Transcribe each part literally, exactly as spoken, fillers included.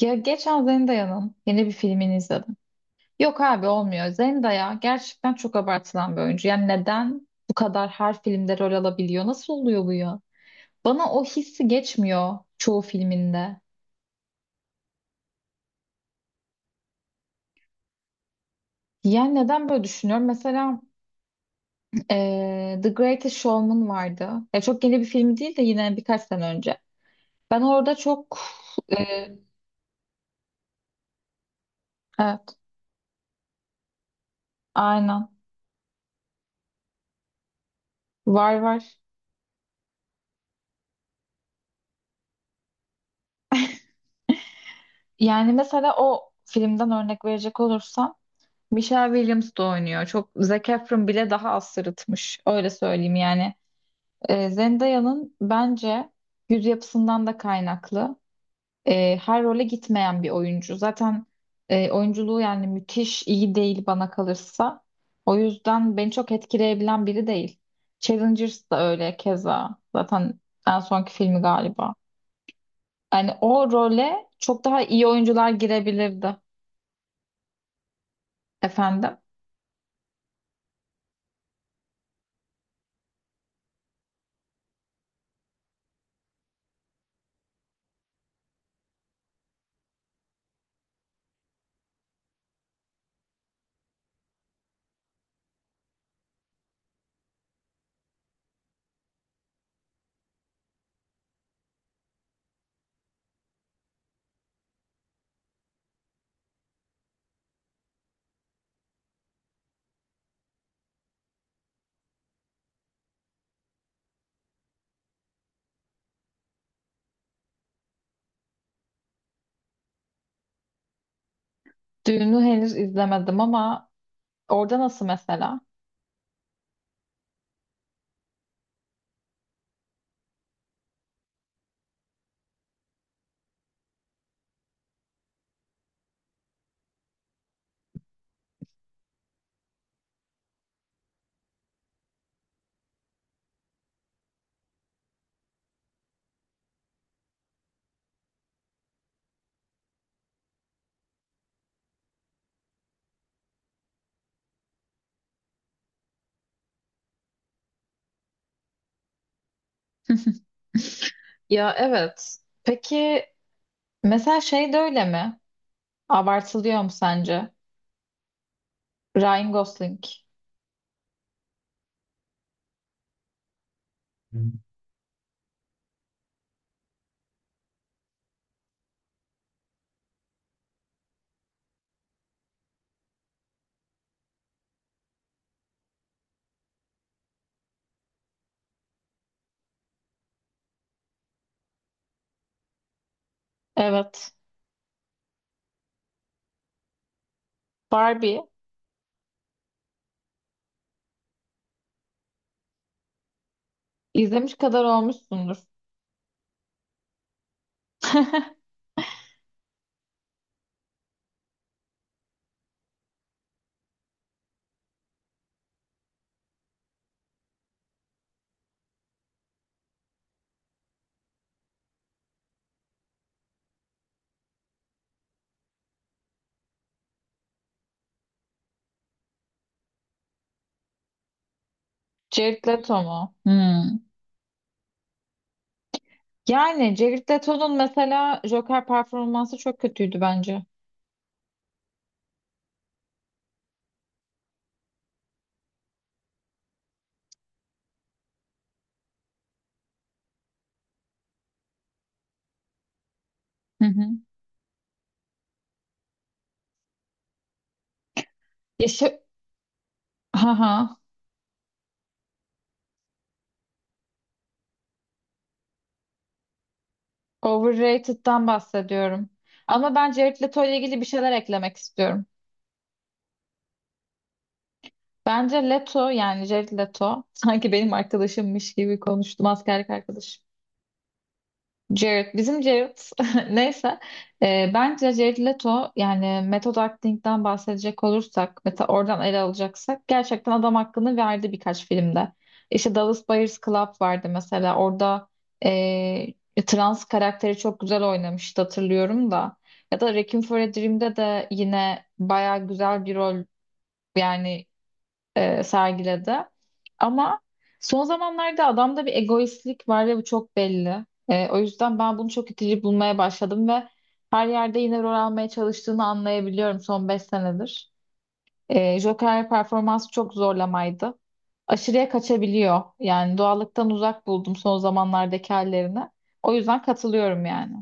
Ya geçen Zendaya'nın yeni bir filmini izledim. Yok abi olmuyor. Zendaya gerçekten çok abartılan bir oyuncu. Yani neden bu kadar her filmde rol alabiliyor? Nasıl oluyor bu ya? Bana o hissi geçmiyor çoğu filminde. Yani neden böyle düşünüyorum? Mesela eee, The Greatest Showman vardı. Ya çok yeni bir film değil de yine birkaç sene önce. Ben orada çok eee, evet, aynen, var var. Yani mesela o filmden örnek verecek olursam Michelle Williams da oynuyor. Çok Zac Efron bile daha az sırıtmış. Öyle söyleyeyim yani. Ee, Zendaya'nın bence yüz yapısından da kaynaklı. E, her role gitmeyen bir oyuncu. Zaten e, oyunculuğu yani müthiş iyi değil bana kalırsa. O yüzden beni çok etkileyebilen biri değil. Challengers da öyle keza. Zaten en sonki filmi galiba. Yani o role çok daha iyi oyuncular girebilirdi. Efendim. Düğünü henüz izlemedim ama orada nasıl mesela? Ya evet. Peki mesela şey de öyle mi? Abartılıyor mu sence? Ryan Gosling. Evet. Barbie. İzlemiş kadar olmuşsundur. Jared Leto mu? Hmm. Yani Jared Leto'nun mesela Joker performansı çok kötüydü bence. Hı hı. Yaşı... Haha. Overrated'dan bahsediyorum. Ama ben Jared Leto ile ilgili bir şeyler eklemek istiyorum. Bence Leto yani Jared Leto sanki benim arkadaşımmış gibi konuştum, askerlik arkadaşım. Jared, bizim Jared neyse. Ee, bence Jared Leto yani method acting'den bahsedecek olursak mesela oradan ele alacaksak gerçekten adam hakkını verdi birkaç filmde. İşte Dallas Buyers Club vardı mesela, orada ee, trans karakteri çok güzel oynamıştı, hatırlıyorum da. Ya da Requiem for a Dream'de de yine baya güzel bir rol yani e, sergiledi. Ama son zamanlarda adamda bir egoistlik var ve bu çok belli. E, o yüzden ben bunu çok itici bulmaya başladım ve her yerde yine rol almaya çalıştığını anlayabiliyorum son beş senedir. E, Joker performansı çok zorlamaydı. Aşırıya kaçabiliyor. Yani doğallıktan uzak buldum son zamanlardaki hallerini. O yüzden katılıyorum yani.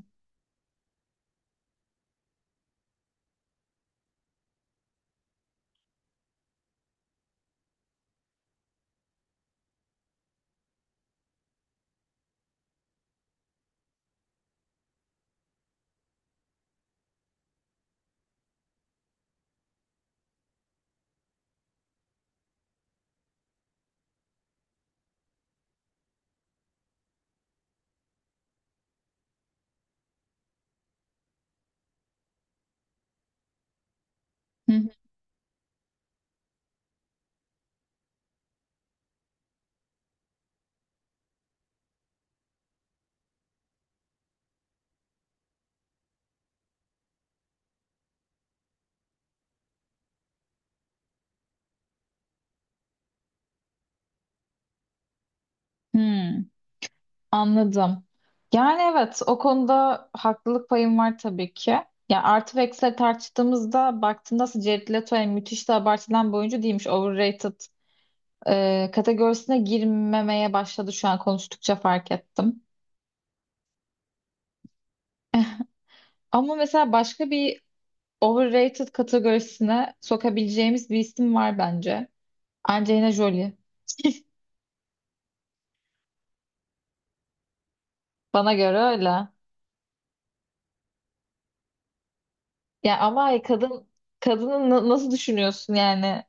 Hı hı. Anladım. Yani evet, o konuda haklılık payım var tabii ki. Ya artı ve eksileri tartıştığımızda baktığında aslında Jared Leto yani müthiş de abartılan bir oyuncu değilmiş. Overrated e, kategorisine girmemeye başladı, şu an konuştukça fark ettim. Ama mesela başka bir overrated kategorisine sokabileceğimiz bir isim var bence. Angelina Jolie. Bana göre öyle. Ya ama kadın kadını na- nasıl düşünüyorsun yani?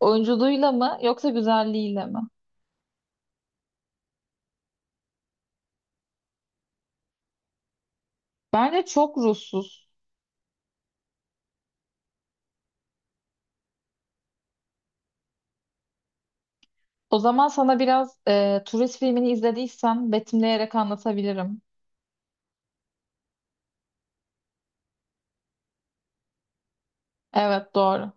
Oyunculuğuyla mı yoksa güzelliğiyle mi? Bence çok ruhsuz. O zaman sana biraz e, turist filmini izlediysen betimleyerek anlatabilirim. Evet, doğru.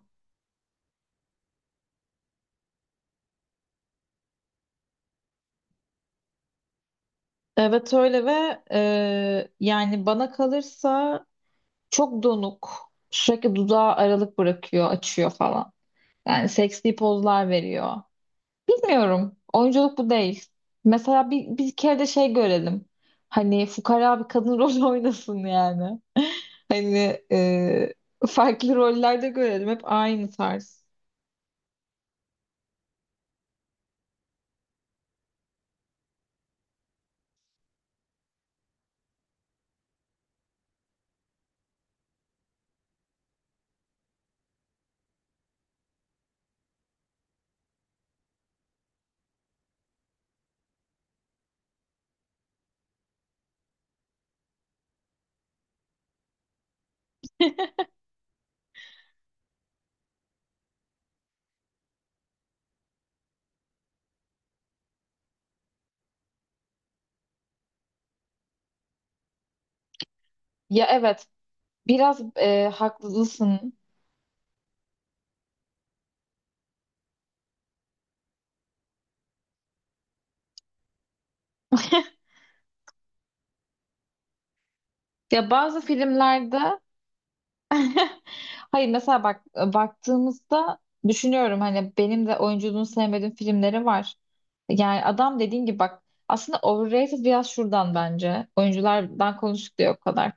Evet öyle ve e, yani bana kalırsa çok donuk. Sürekli dudağı aralık bırakıyor, açıyor falan. Yani seksi pozlar veriyor. Bilmiyorum. Oyunculuk bu değil. Mesela bir, bir kere de şey görelim. Hani fukara bir kadın rol oynasın yani. Hani e, farklı rollerde görelim. Hep aynı tarz. Ya evet, biraz e, haklısın. Ya bazı filmlerde hayır, mesela bak, baktığımızda düşünüyorum, hani benim de oyunculuğunu sevmediğim filmleri var. Yani adam dediğin gibi bak aslında overrated biraz şuradan bence. Oyunculardan konuştuk diye o kadar.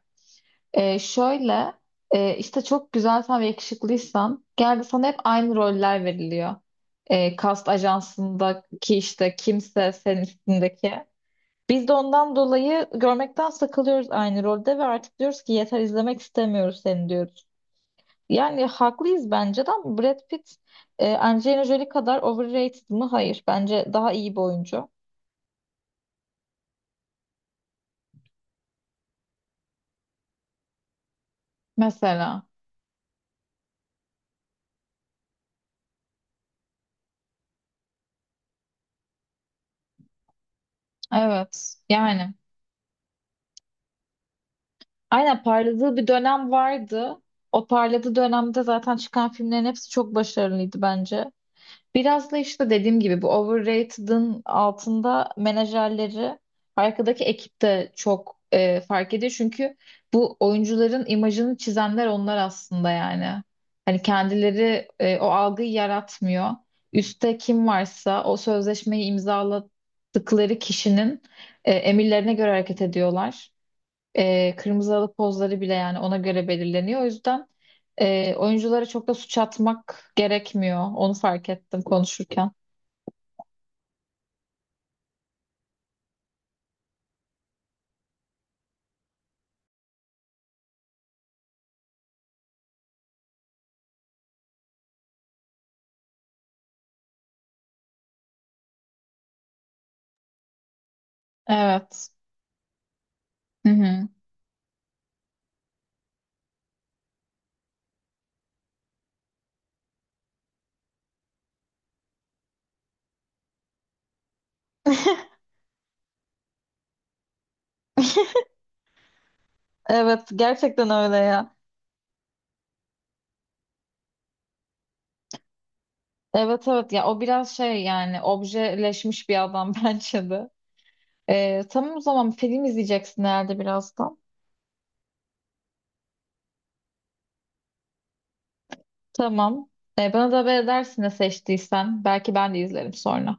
Ee, şöyle e, işte çok güzelsen ve yakışıklıysan geldi sana hep aynı roller veriliyor. Ee, kast ajansındaki işte kimse senin üstündeki. Biz de ondan dolayı görmekten sıkılıyoruz aynı rolde ve artık diyoruz ki yeter, izlemek istemiyoruz seni, diyoruz. Yani haklıyız bence de, ama Brad Pitt e, Angelina Jolie kadar overrated mı? Hayır. Bence daha iyi bir oyuncu. Mesela. Evet. Yani. Aynen parladığı bir dönem vardı. O parladığı dönemde zaten çıkan filmlerin hepsi çok başarılıydı bence. Biraz da işte dediğim gibi bu overrated'ın altında menajerleri, arkadaki ekip de çok e, fark ediyor. Çünkü bu oyuncuların imajını çizenler onlar aslında yani. Hani kendileri e, o algıyı yaratmıyor. Üste kim varsa o sözleşmeyi imzaladıkları kişinin e, emirlerine göre hareket ediyorlar. E, kırmızı halı pozları bile yani ona göre belirleniyor. O yüzden e, oyunculara çok da suç atmak gerekmiyor. Onu fark ettim konuşurken. Evet. Hı hı. Evet gerçekten öyle ya. Evet evet ya, o biraz şey yani objeleşmiş bir adam bence de. E, tamam o zaman film izleyeceksin herhalde birazdan. Tamam. E, bana da haber edersin ne seçtiysen. Belki ben de izlerim sonra.